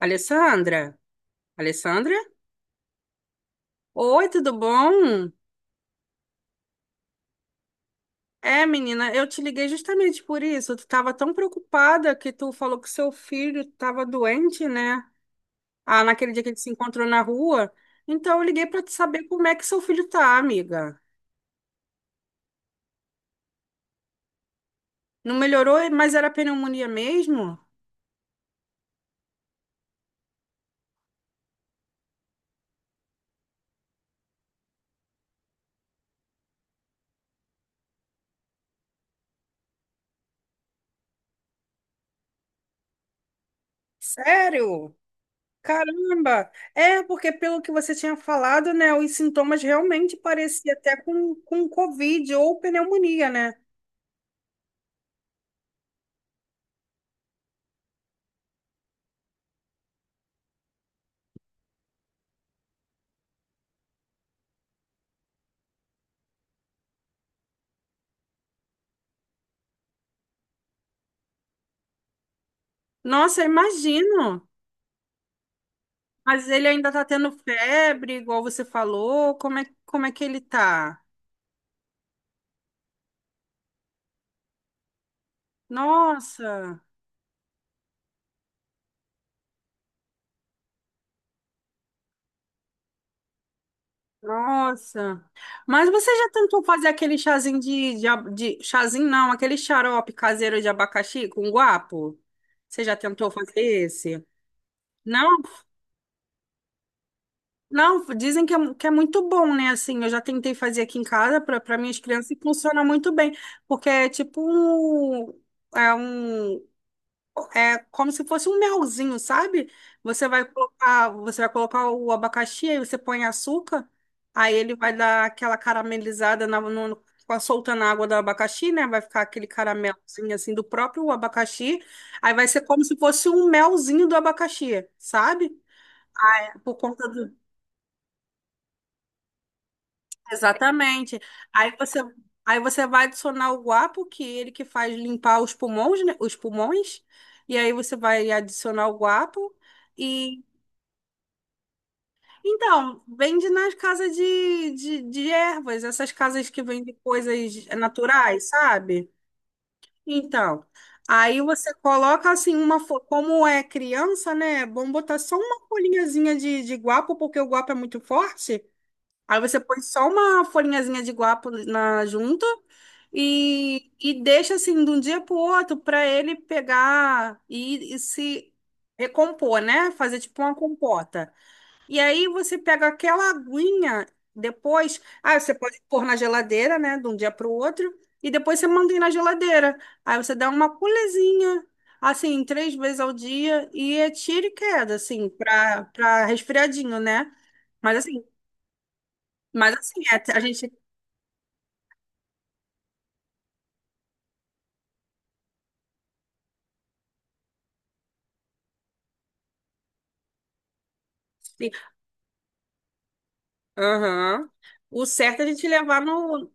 Alessandra? Alessandra? Oi, tudo bom? É, menina, eu te liguei justamente por isso. Tu tava tão preocupada que tu falou que seu filho tava doente, né? Ah, naquele dia que ele se encontrou na rua. Então eu liguei pra te saber como é que seu filho tá, amiga. Não melhorou, mas era pneumonia mesmo? Sério? Caramba! É, porque pelo que você tinha falado, né, os sintomas realmente pareciam até com Covid ou pneumonia, né? Nossa, eu imagino. Mas ele ainda tá tendo febre, igual você falou. Como é que ele tá? Nossa, nossa. Mas você já tentou fazer aquele chazinho de chazinho, não, aquele xarope caseiro de abacaxi com guapo? Você já tentou fazer esse? Não, não, dizem que é muito bom, né? Assim, eu já tentei fazer aqui em casa para minhas crianças e funciona muito bem, porque é é um como se fosse um melzinho, sabe? Você vai colocar o abacaxi, aí você põe açúcar, aí ele vai dar aquela caramelizada na, no, com a- soltando a água do abacaxi, né? Vai ficar aquele caramelzinho assim do próprio abacaxi. Aí vai ser como se fosse um melzinho do abacaxi, sabe? É, por conta do. Exatamente. Aí você, aí você vai adicionar o guapo, que é ele que faz limpar os pulmões, né? Os pulmões. E aí você vai adicionar o guapo. E Então, vende nas casas de ervas, essas casas que vendem coisas naturais, sabe? Então, aí você coloca assim como é criança, né? É bom botar só uma folhinhazinha de guapo, porque o guapo é muito forte. Aí você põe só uma folhinhazinha de guapo na junto e deixa assim de um dia pro outro para ele pegar e se recompor, né? Fazer tipo uma compota. E aí você pega aquela aguinha depois, você pode pôr na geladeira, né, de um dia para o outro, e depois você mantém na geladeira. Aí você dá uma pulezinha, assim, três vezes ao dia, e é tiro e queda, assim, para resfriadinho, né? Mas assim, mas assim, a gente. Aham. O certo é a gente levar no.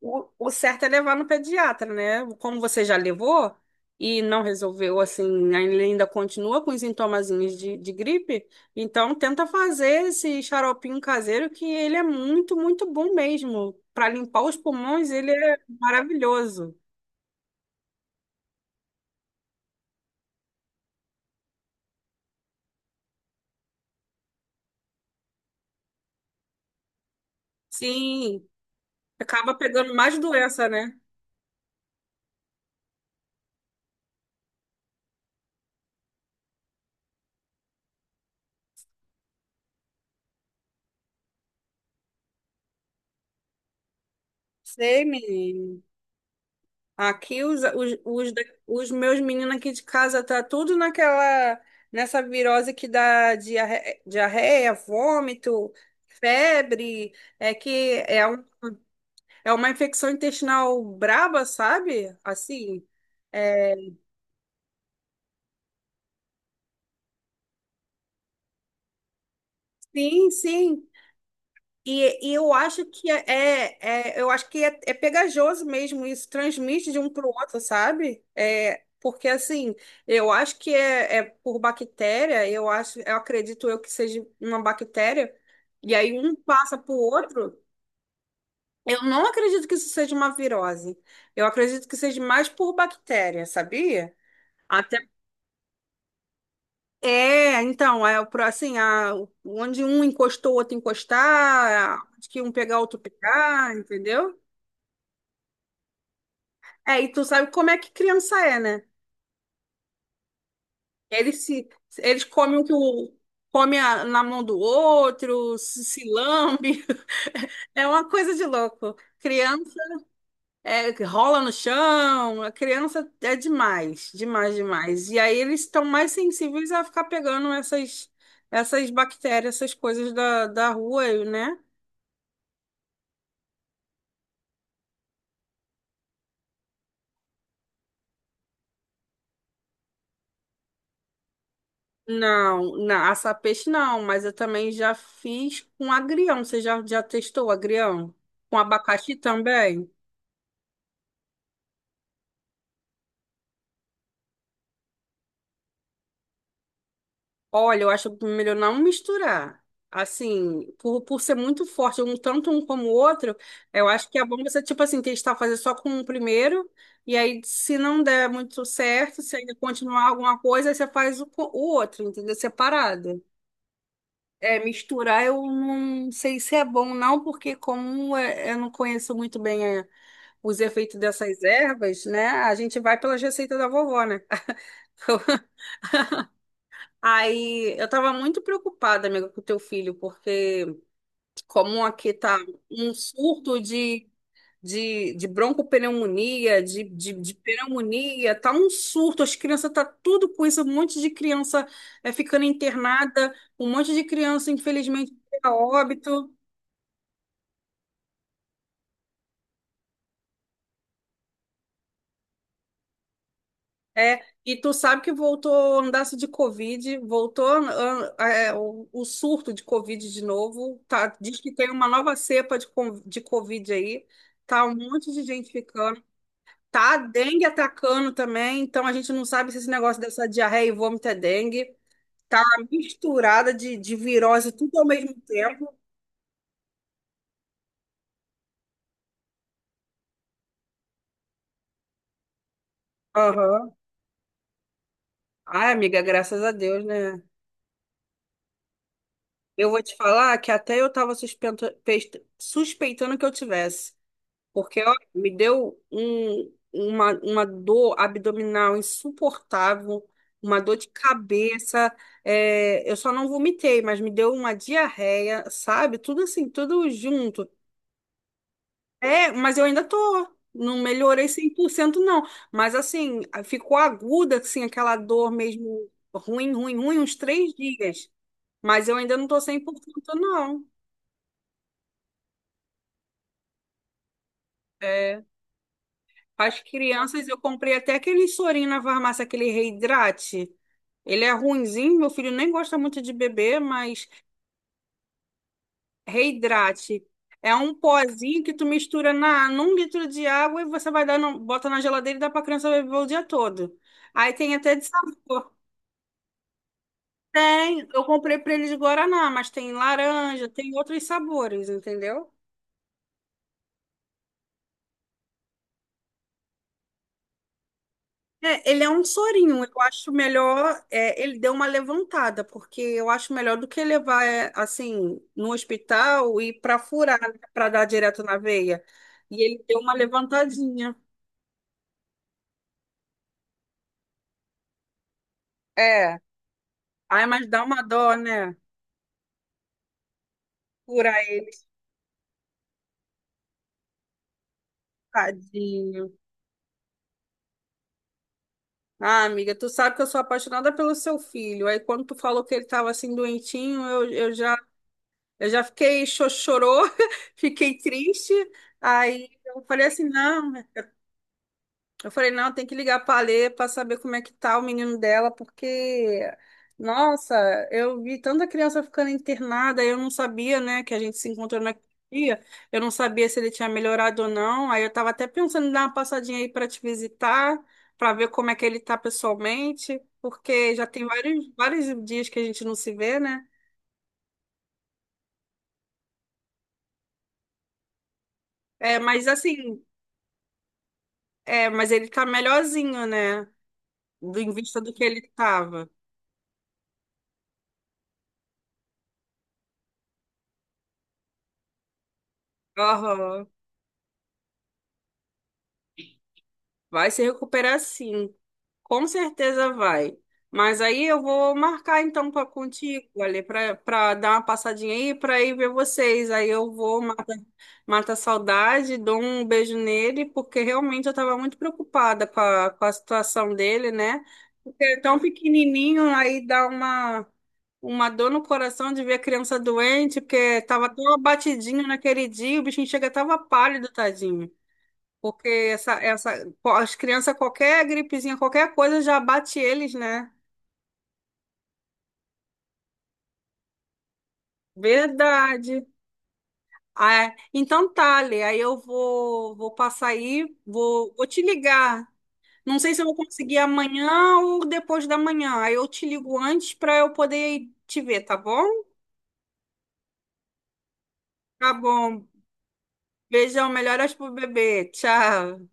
O certo é levar no pediatra, né? Como você já levou e não resolveu, assim, ele ainda continua com os sintomazinhos de gripe, então tenta fazer esse xaropinho caseiro que ele é muito, muito bom mesmo. Para limpar os pulmões, ele é maravilhoso. Sim, acaba pegando mais doença, né? Sei, menino. Aqui os os meus meninos aqui de casa tá tudo naquela nessa virose que dá diarreia, diarreia, vômito, febre, é é uma infecção intestinal braba, sabe? Assim, é, sim, sim. E eu acho que é é pegajoso mesmo isso, transmite de um para o outro, sabe? Porque assim, eu acho que é por bactéria, eu acho, eu acredito eu que seja uma bactéria, e aí um passa para o outro. Eu não acredito que isso seja uma virose. Eu acredito que seja mais por bactéria, sabia? Até é, então, é o pro- assim, a, onde um encostou, o outro encostar, onde que um pegar, o outro pegar, entendeu? É, e tu sabe como é que criança é, né? Eles se, eles comem o que o come a- na mão do outro, se lambe. É uma coisa de louco. Criança que rola no chão, a criança é demais, demais, demais. E aí eles estão mais sensíveis a ficar pegando essas bactérias, essas coisas da rua, né? Não, na assar peixe não, mas eu também já fiz com agrião. Você já testou agrião? Com abacaxi também? Olha, eu acho melhor não misturar. Assim, por ser muito forte, um tanto um como o outro, eu acho que é bom você, tipo assim, testar fazer só com o primeiro, e aí se não der muito certo, se ainda continuar alguma coisa, aí você faz o outro, entendeu? Separado. É, misturar eu não sei se é bom, não, porque eu não conheço muito bem, os efeitos dessas ervas, né? A gente vai pelas receitas da vovó, né? Aí eu tava muito preocupada, amiga, com o teu filho, porque como aqui tá um surto de broncopneumonia, de pneumonia, tá um surto, as crianças tá tudo com isso, um monte de criança, ficando internada, um monte de criança, infelizmente, a óbito. É, e tu sabe que voltou andaço de Covid, voltou o surto de Covid de novo, tá, diz que tem uma nova cepa de Covid aí, tá um monte de gente ficando, tá a dengue atacando também, então a gente não sabe se esse negócio dessa diarreia e vômito é dengue, tá uma misturada de virose tudo ao mesmo tempo. Aham. Ai, amiga, graças a Deus, né? Eu vou te falar que até eu tava suspeitando que eu tivesse. Porque, ó, me deu uma dor abdominal insuportável, uma dor de cabeça. Eu só não vomitei, mas me deu uma diarreia, sabe? Tudo assim, tudo junto. É, mas eu ainda tô. Não melhorei 100% não. Mas, assim, ficou aguda, assim, aquela dor mesmo ruim, ruim, ruim, uns 3 dias. Mas eu ainda não tô 100% não. É. As crianças, eu comprei até aquele sorinho na farmácia, aquele reidrate. Ele é ruinzinho, meu filho nem gosta muito de beber, mas reidrate. É um pozinho que tu mistura num litro de água e você vai dar, bota na geladeira e dá pra criança beber o dia todo. Aí tem até de sabor. Tem, eu comprei pra ele de guaraná, mas tem laranja, tem outros sabores, entendeu? É, ele é um sorinho. Eu acho melhor. Ele deu uma levantada, porque eu acho melhor do que levar, assim, no hospital e para furar, para dar direto na veia. E ele deu uma levantadinha. É. Ai, mas dá uma dó, né? Furar ele, tadinho. Ah, amiga, tu sabe que eu sou apaixonada pelo seu filho. Aí quando tu falou que ele tava assim doentinho, eu já fiquei chororô, fiquei triste. Aí eu falei assim, não. Eu falei, não, tem que ligar para a Lê para saber como é que tá o menino dela, porque, nossa, eu vi tanta criança ficando internada, eu não sabia, né, que a gente se encontrou naquele dia, eu não sabia se ele tinha melhorado ou não, aí eu estava até pensando em dar uma passadinha aí para te visitar, para ver como é que ele tá pessoalmente, porque já tem vários, vários dias que a gente não se vê, né? É, mas assim, mas ele tá melhorzinho, né, em vista do que ele tava. Aham. Vai se recuperar sim, com certeza vai. Mas aí eu vou marcar então para contigo, ali para dar uma passadinha aí, para ir ver vocês. Aí eu vou mata a saudade, dou um beijo nele, porque realmente eu estava muito preocupada com a situação dele, né? Porque é tão pequenininho, aí dá uma dor no coração de ver a criança doente, porque estava tão abatidinho naquele dia, o bichinho chega tava pálido, tadinho. Porque as crianças, qualquer gripezinha, qualquer coisa já bate eles, né? Verdade. Ah, é. Então tá, Lê, aí eu vou, vou, passar aí, vou te ligar. Não sei se eu vou conseguir amanhã ou depois da manhã. Aí eu te ligo antes para eu poder ir te ver, tá bom? Tá bom. Beijão, melhoras pro bebê. Tchau.